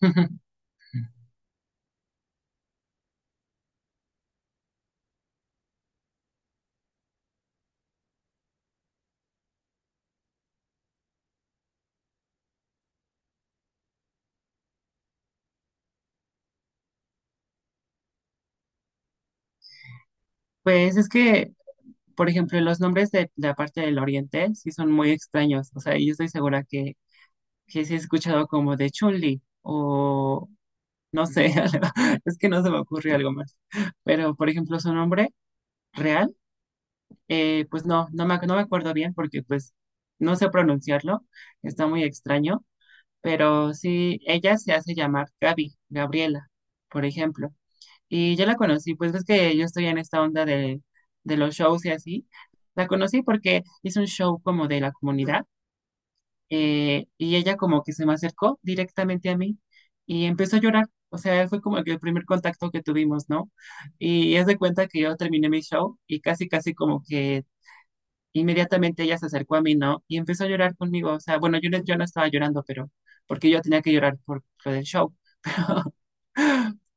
Pues es que, por ejemplo, los nombres de la parte del oriente sí son muy extraños. O sea, yo estoy segura que sí he escuchado como de Chun-Li o no sé, es que no se me ocurre algo más. Pero, por ejemplo, su nombre real, pues no me acuerdo bien porque pues no sé pronunciarlo, está muy extraño. Pero sí, ella se hace llamar Gaby, Gabriela, por ejemplo. Y yo la conocí, pues ves que yo estoy en esta onda de los shows y así. La conocí porque hizo un show como de la comunidad y ella como que se me acercó directamente a mí y empezó a llorar. O sea, fue como que el primer contacto que tuvimos, ¿no? Y es de cuenta que yo terminé mi show y casi, casi como que inmediatamente ella se acercó a mí, ¿no? Y empezó a llorar conmigo. O sea, bueno, yo no estaba llorando, pero porque yo tenía que llorar por lo del show.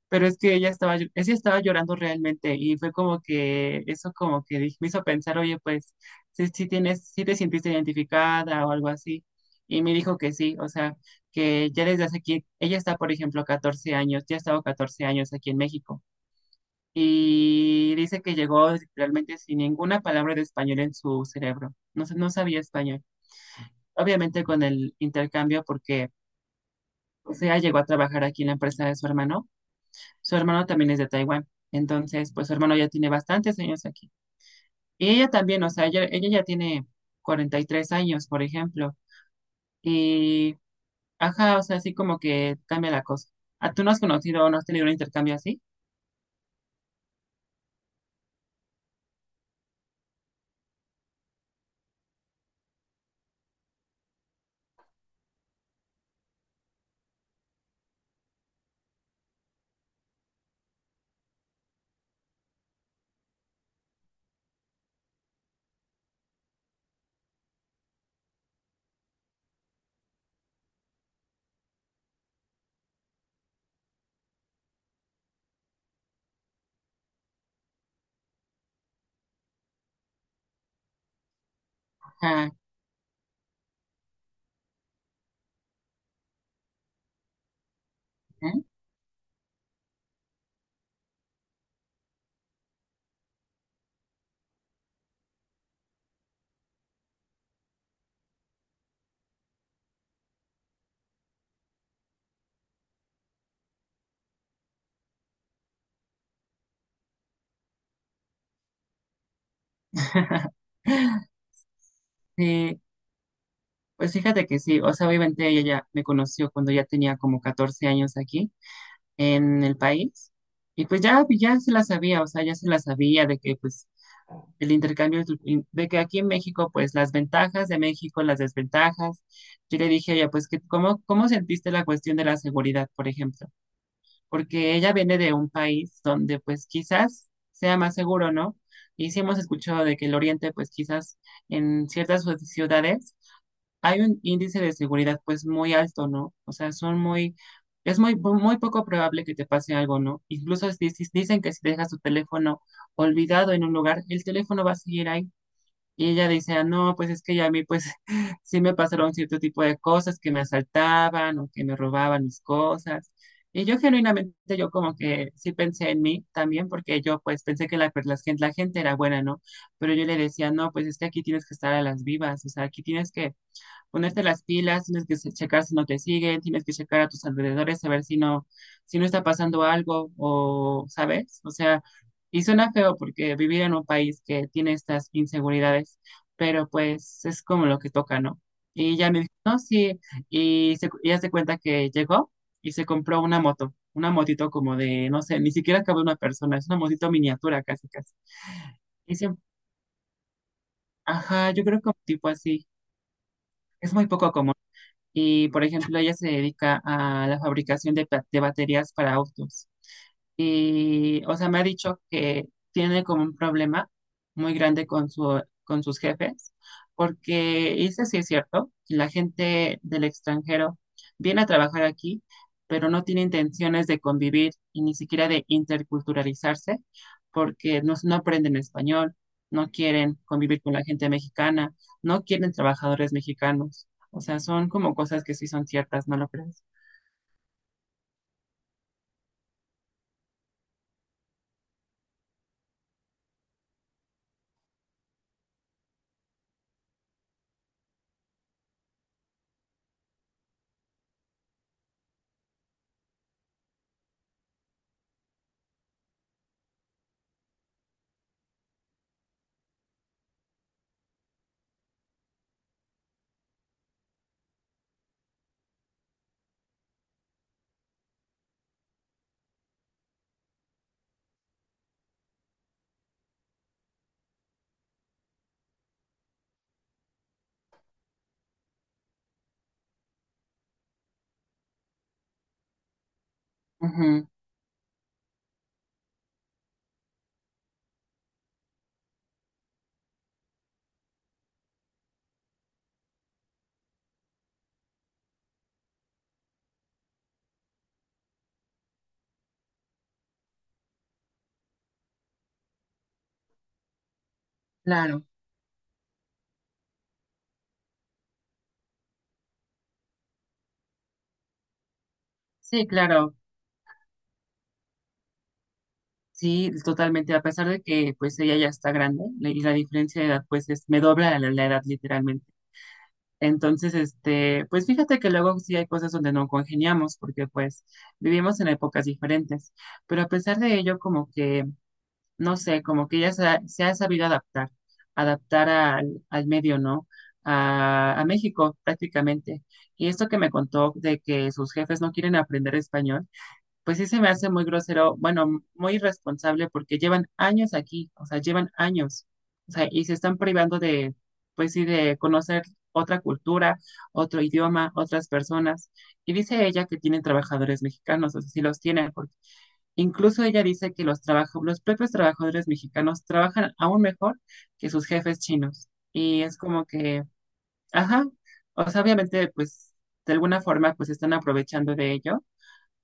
Pero es que ella estaba llorando realmente y fue como que eso me hizo pensar, oye, pues si te sentiste identificada o algo así. Y me dijo que sí, o sea, que ya desde hace aquí, ella está, por ejemplo, 14 años, ya ha estado 14 años aquí en México. Y dice que llegó realmente sin ninguna palabra de español en su cerebro. No sabía español. Obviamente con el intercambio porque, o sea, llegó a trabajar aquí en la empresa de su hermano. Su hermano también es de Taiwán. Entonces, pues su hermano ya tiene bastantes años aquí. Y ella también, o sea, ella ya tiene 43 años, por ejemplo. Y, ajá, o sea, así como que cambia la cosa. ¿A tú no has conocido o no has tenido un intercambio así? Ajá. ¿eh? Sí, pues fíjate que sí, o sea, obviamente ella ya me conoció cuando ya tenía como 14 años aquí en el país y pues ya, ya se la sabía, o sea, ya se la sabía de que pues el intercambio. De que aquí en México, pues las ventajas de México, las desventajas. Yo le dije a ella, pues, que, ¿cómo, cómo sentiste la cuestión de la seguridad, por ejemplo? Porque ella viene de un país donde, pues, quizás sea más seguro, ¿no? Y sí hemos escuchado de que el Oriente, pues, quizás en ciertas ciudades hay un índice de seguridad, pues, muy alto, ¿no? O sea, son muy, es muy, muy poco probable que te pase algo, ¿no? Incluso dicen que si dejas tu teléfono olvidado en un lugar, el teléfono va a seguir ahí. Y ella decía, no, pues es que ya a mí pues sí me pasaron cierto tipo de cosas, que me asaltaban o que me robaban mis cosas. Y yo genuinamente, yo como que sí pensé en mí también, porque yo pues pensé que la gente era buena, ¿no? Pero yo le decía, no, pues es que aquí tienes que estar a las vivas, o sea, aquí tienes que ponerte las pilas, tienes que checar si no te siguen, tienes que checar a tus alrededores, saber si no está pasando algo o, ¿sabes? O sea, y suena feo porque vivir en un país que tiene estas inseguridades, pero pues es como lo que toca, ¿no? Y ya me dijo, no, sí, y haz de cuenta que llegó y se compró una moto, una motito como de, no sé, ni siquiera cabe una persona, es una motito miniatura casi, casi. Y siempre, ajá, yo creo que tipo así, es muy poco común. Y, por ejemplo, ella se dedica a la fabricación de baterías para autos y, o sea, me ha dicho que tiene como un problema muy grande con con sus jefes, porque dice, sí es cierto, que la gente del extranjero viene a trabajar aquí, pero no tiene intenciones de convivir y ni siquiera de interculturalizarse, porque no aprenden español, no quieren convivir con la gente mexicana, no quieren trabajadores mexicanos. O sea, son como cosas que sí son ciertas, ¿no lo crees? Ujú, claro, sí, claro. Sí, totalmente, a pesar de que pues ella ya está grande y la diferencia de edad pues es, me dobla la edad literalmente. Entonces, este, pues fíjate que luego sí hay cosas donde no congeniamos porque pues vivimos en épocas diferentes, pero a pesar de ello como que, no sé, como que se ha sabido adaptar, adaptar al medio, ¿no? A México prácticamente. Y esto que me contó de que sus jefes no quieren aprender español pues sí se me hace muy grosero, bueno, muy irresponsable porque llevan años aquí, o sea, llevan años, o sea, y se están privando de, pues sí, de conocer otra cultura, otro idioma, otras personas. Y dice ella que tienen trabajadores mexicanos, o sea, sí los tienen, porque incluso ella dice que los propios trabajadores mexicanos trabajan aún mejor que sus jefes chinos. Y es como que, ajá, o sea, obviamente, pues, de alguna forma, pues están aprovechando de ello,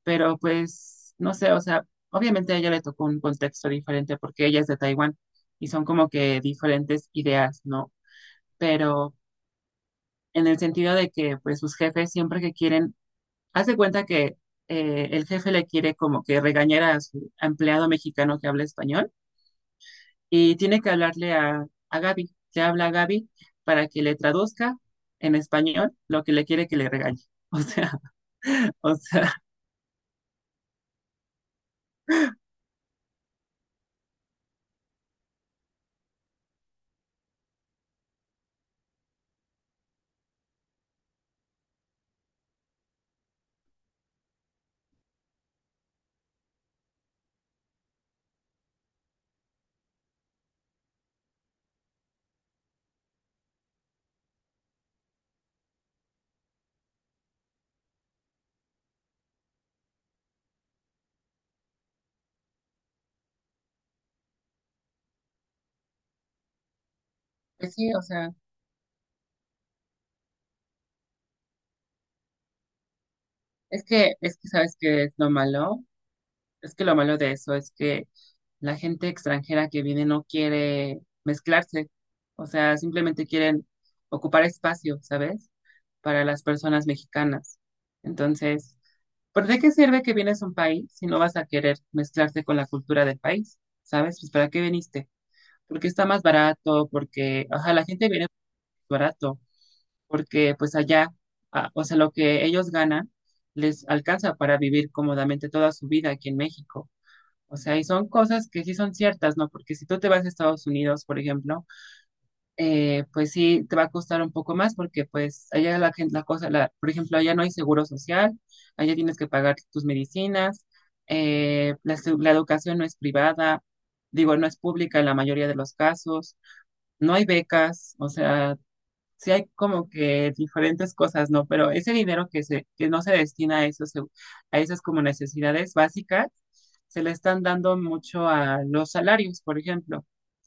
pero pues no sé, o sea, obviamente a ella le tocó un contexto diferente porque ella es de Taiwán y son como que diferentes ideas, ¿no? Pero en el sentido de que pues sus jefes siempre que quieren, haz de cuenta que el jefe le quiere como que regañar a su empleado mexicano que habla español y tiene que hablarle a Gaby, le habla a Gaby para que le traduzca en español lo que le quiere que le regañe. O sea, pues sí, o sea, es que sabes que es lo malo. Es que lo malo de eso es que la gente extranjera que viene no quiere mezclarse, o sea, simplemente quieren ocupar espacio, ¿sabes? Para las personas mexicanas. Entonces, ¿por de qué sirve que vienes a un país si no vas a querer mezclarte con la cultura del país? ¿Sabes? Pues ¿para qué viniste? Porque está más barato, porque, o sea, la gente viene barato, porque pues allá, ah, o sea, lo que ellos ganan les alcanza para vivir cómodamente toda su vida aquí en México. O sea, y son cosas que sí son ciertas, ¿no? Porque si tú te vas a Estados Unidos, por ejemplo, pues sí te va a costar un poco más porque pues allá la gente, la cosa, la, por ejemplo, allá no hay seguro social, allá tienes que pagar tus medicinas, la educación no es privada, digo, no es pública en la mayoría de los casos, no hay becas, o sea, sí hay como que diferentes cosas, ¿no? Pero ese dinero que no se destina a esos, a esas como necesidades básicas, se le están dando mucho a los salarios, por ejemplo.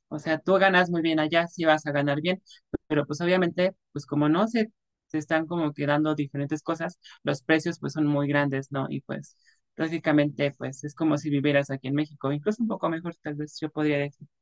O sea, tú ganas muy bien allá, sí vas a ganar bien, pero pues obviamente, pues como no se, se están como que dando diferentes cosas, los precios pues son muy grandes, ¿no? Y pues prácticamente pues es como si vivieras aquí en México, incluso un poco mejor, tal vez yo podría decir.